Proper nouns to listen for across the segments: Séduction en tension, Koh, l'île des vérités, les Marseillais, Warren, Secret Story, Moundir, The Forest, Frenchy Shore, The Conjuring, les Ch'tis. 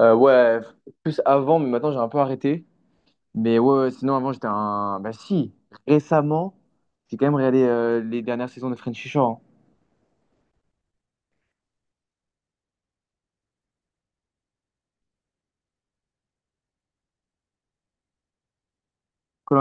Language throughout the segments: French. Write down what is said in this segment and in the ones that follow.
Ouais, plus avant, mais maintenant j'ai un peu arrêté. Mais ouais, ouais, sinon avant j'étais un. Bah si, récemment, j'ai quand même regardé les dernières saisons de Frenchy Shore. Koh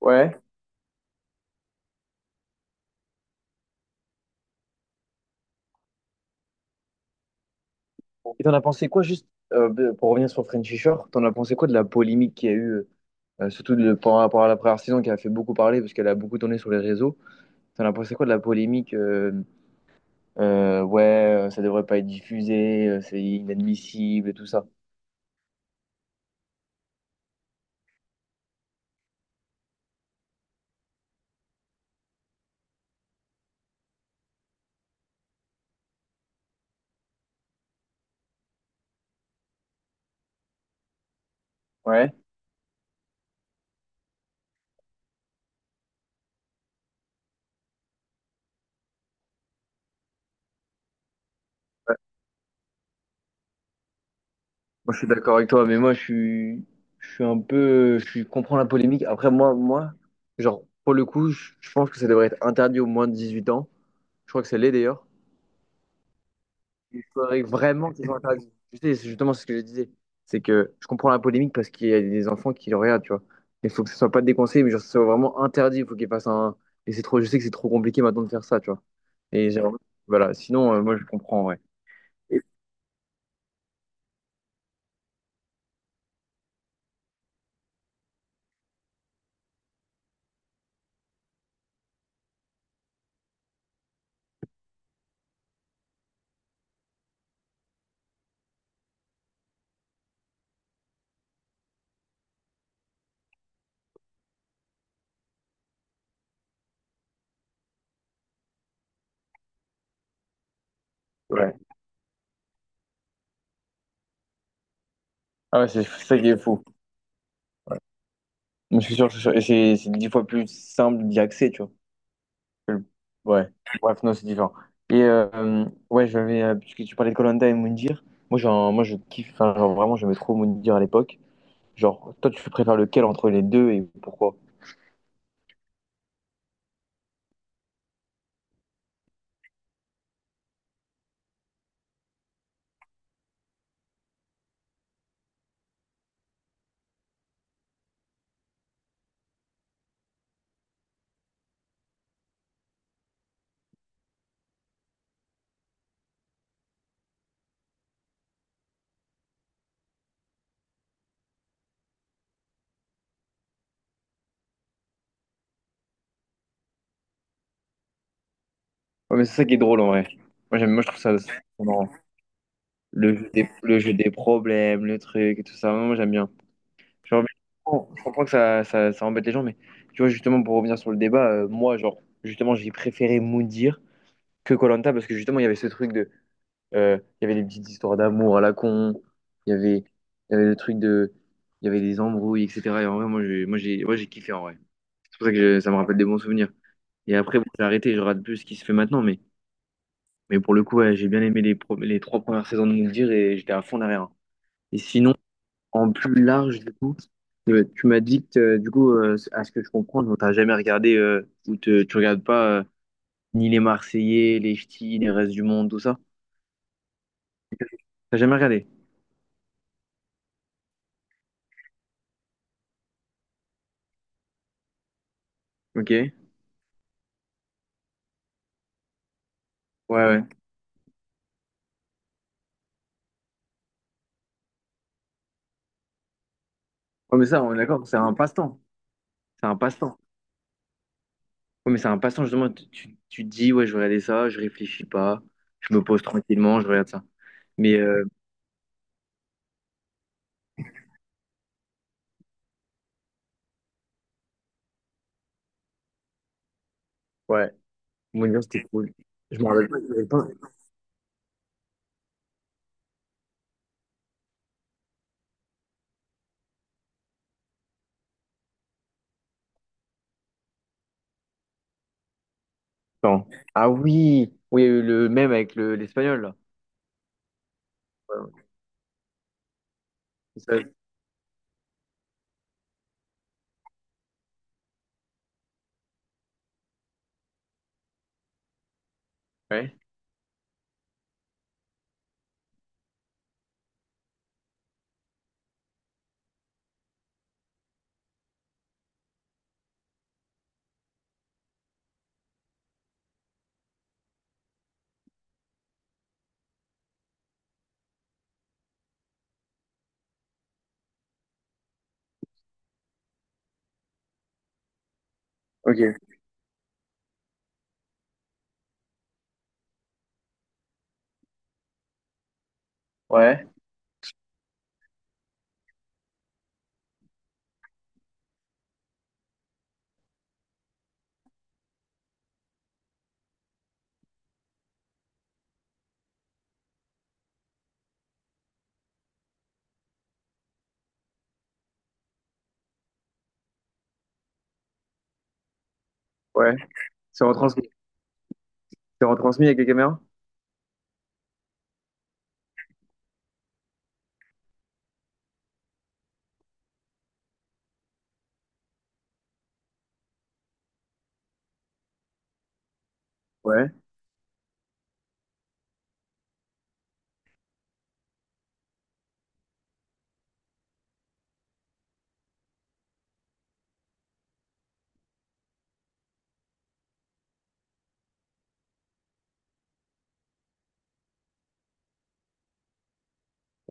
Ouais. Et t'en as pensé quoi, juste pour revenir sur Frenchy Shore, t'en as pensé quoi de la polémique qu'il y a eu, surtout de, par rapport à la première saison qui a fait beaucoup parler parce qu'elle a beaucoup tourné sur les réseaux. T'en as pensé quoi de la polémique, ouais, ça devrait pas être diffusé, c'est inadmissible et tout ça. Ouais. Moi, je suis d'accord avec toi, mais moi, je suis un peu, comprends la polémique. Après, moi, genre, pour le coup, je pense que ça devrait être interdit aux moins de 18 ans. Je crois que ça l'est d'ailleurs. Il faudrait vraiment que ce soit interdit. Tu sais, c'est justement, c'est ce que je disais. C'est que je comprends la polémique parce qu'il y a des enfants qui le regardent, tu vois. Il faut que ce soit pas déconseillé, mais genre, que ce soit vraiment interdit. Il faut qu'il fasse un. Et c'est trop, je sais que c'est trop compliqué maintenant de faire ça, tu vois. Et j'ai- voilà, sinon, moi, je comprends, ouais. Ouais. Ah ouais, c'est ça qui est fou. Je suis sûr, c'est 10 fois plus simple d'y accéder, tu vois. que le- Ouais, bref, non, c'est différent. Et ouais, j'avais, puisque tu parlais de koh et Moundir, moi, genre, moi je kiffe, enfin, genre, vraiment, j'aimais trop Moundir à l'époque. Genre, toi, tu préfères lequel entre les deux et pourquoi? Ouais, mais c'est ça qui est drôle en vrai. Moi, j'aime, moi, je trouve ça c'est marrant. Le jeu des problèmes, le truc et tout ça, moi, j'aime bien. Genre, mais je comprends que ça embête les gens, mais tu vois, justement, pour revenir sur le débat, moi, genre, justement, j'ai préféré Moundir que koh parce que justement, il y avait ce truc de. Il y avait des petites histoires d'amour à la con, il y avait le truc de. Il y avait des embrouilles, etc. Et en vrai, moi, j'ai kiffé en vrai. C'est pour ça que ça me rappelle des bons souvenirs. Et après, bon, j'ai arrêté, je rate plus ce qui se fait maintenant, mais pour le coup, ouais, j'ai bien aimé les trois premières saisons de Mouldir et j'étais à fond derrière, hein. Et sinon, en plus large, du coup, tu m'as dit que, du coup, à ce que je comprends, tu n'as jamais regardé tu regardes pas ni les Marseillais, les Ch'tis, les restes du monde, tout ça. T'as jamais regardé? Ok. Ouais, ouais. Ouais, mais ça, on est d'accord, c'est un passe-temps. C'est un passe-temps. Ouais, mais c'est un passe-temps, justement. Tu te dis, ouais, je vais regarder ça, je réfléchis pas, je me pose tranquillement, je regarde ça. Mais ouais, mon Dieu, c'était cool. Je me rappelle pas. Je me rappelle pas. Attends. Ah oui, oui, il y a eu le même avec l'espagnol, là. Ouais, ouais. C'est ça. Ouais. Ok. Ouais. Ouais. C'est retransmis. C'est retransmis avec les caméras? Ouais.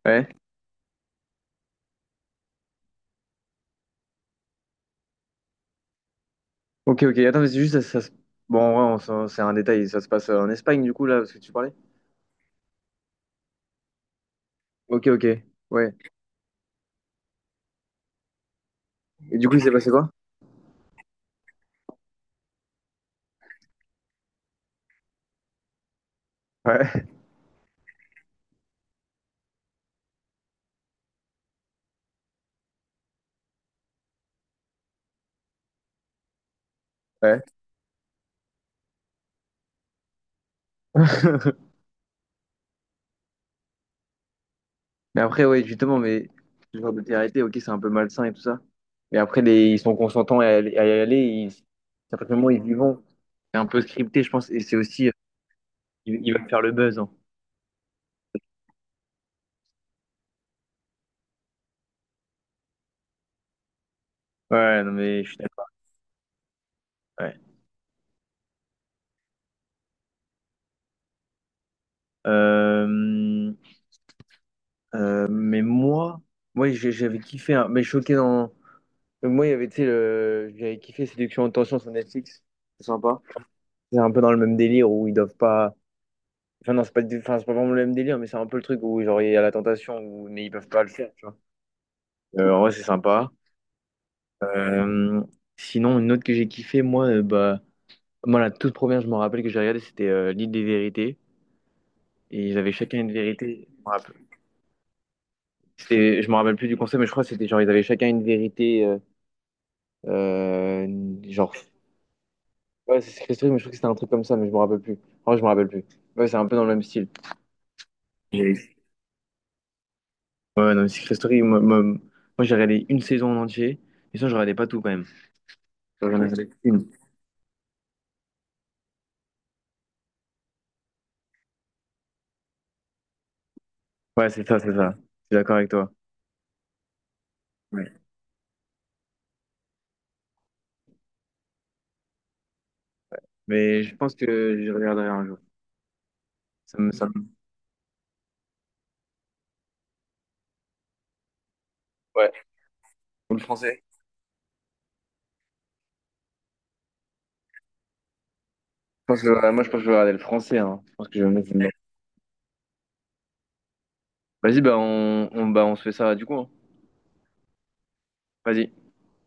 Ouais. Ok, ok. Attends, mais c'est juste, bon, ouais, c'est un détail. Ça se passe en Espagne, du coup, là, parce que tu parlais. Ok, ok. Ouais. Et du coup, il s'est passé quoi? Ouais, ouais. Mais après, ouais, justement, mais ce genre de télé-réalité, ok, c'est un peu malsain et tout ça. Mais après, ils sont consentants à y aller. À partir du moment où ils y vont, c'est un peu scripté, je pense. Et c'est aussi, ils veulent faire le buzz, hein. Ouais, non, mais je suis d'accord. Ouais. Euh, mais moi, j'avais kiffé, hein, mais choqué dans. Moi, il y avait, tu sais, j'avais kiffé Séduction en tension sur Netflix. C'est sympa. C'est un peu dans le même délire où ils doivent pas. Enfin, non, c'est pas, enfin, c'est pas vraiment le même délire, mais c'est un peu le truc où genre, il y a la tentation, mais ils peuvent pas le faire, tu vois. En vrai, c'est sympa. Euh, Sinon, une autre que j'ai kiffé, moi, bah, moi, la toute première, je me rappelle que j'ai regardé, c'était l'île des vérités. Et ils avaient chacun une vérité. Je me rappelle, je me rappelle plus du concept, mais je crois que c'était genre, ils avaient chacun une vérité. Euh, genre, ouais, c'est Secret Story, mais je crois que c'était un truc comme ça, mais je me rappelle plus. En vrai, je me rappelle plus. Ouais, c'est un peu dans le même style. J'ai- Ouais, non, mais Secret Story, moi, j'ai regardé une saison en entier, et ça, je regardais pas tout quand même. Genre, j'en ai regardé qu'une. Ouais, c'est ça, c'est ça. Je suis d'accord avec toi. Ouais. Mais je pense que je regarderai un jour. Ça me, ça me- Ouais. Ou le français. Je pense que, ouais, moi, je pense que je vais regarder le français. Hein. Je pense que je vais me mettre dedans. Vas-y, bah, on, bah, on se fait ça du coup, hein. Vas-y.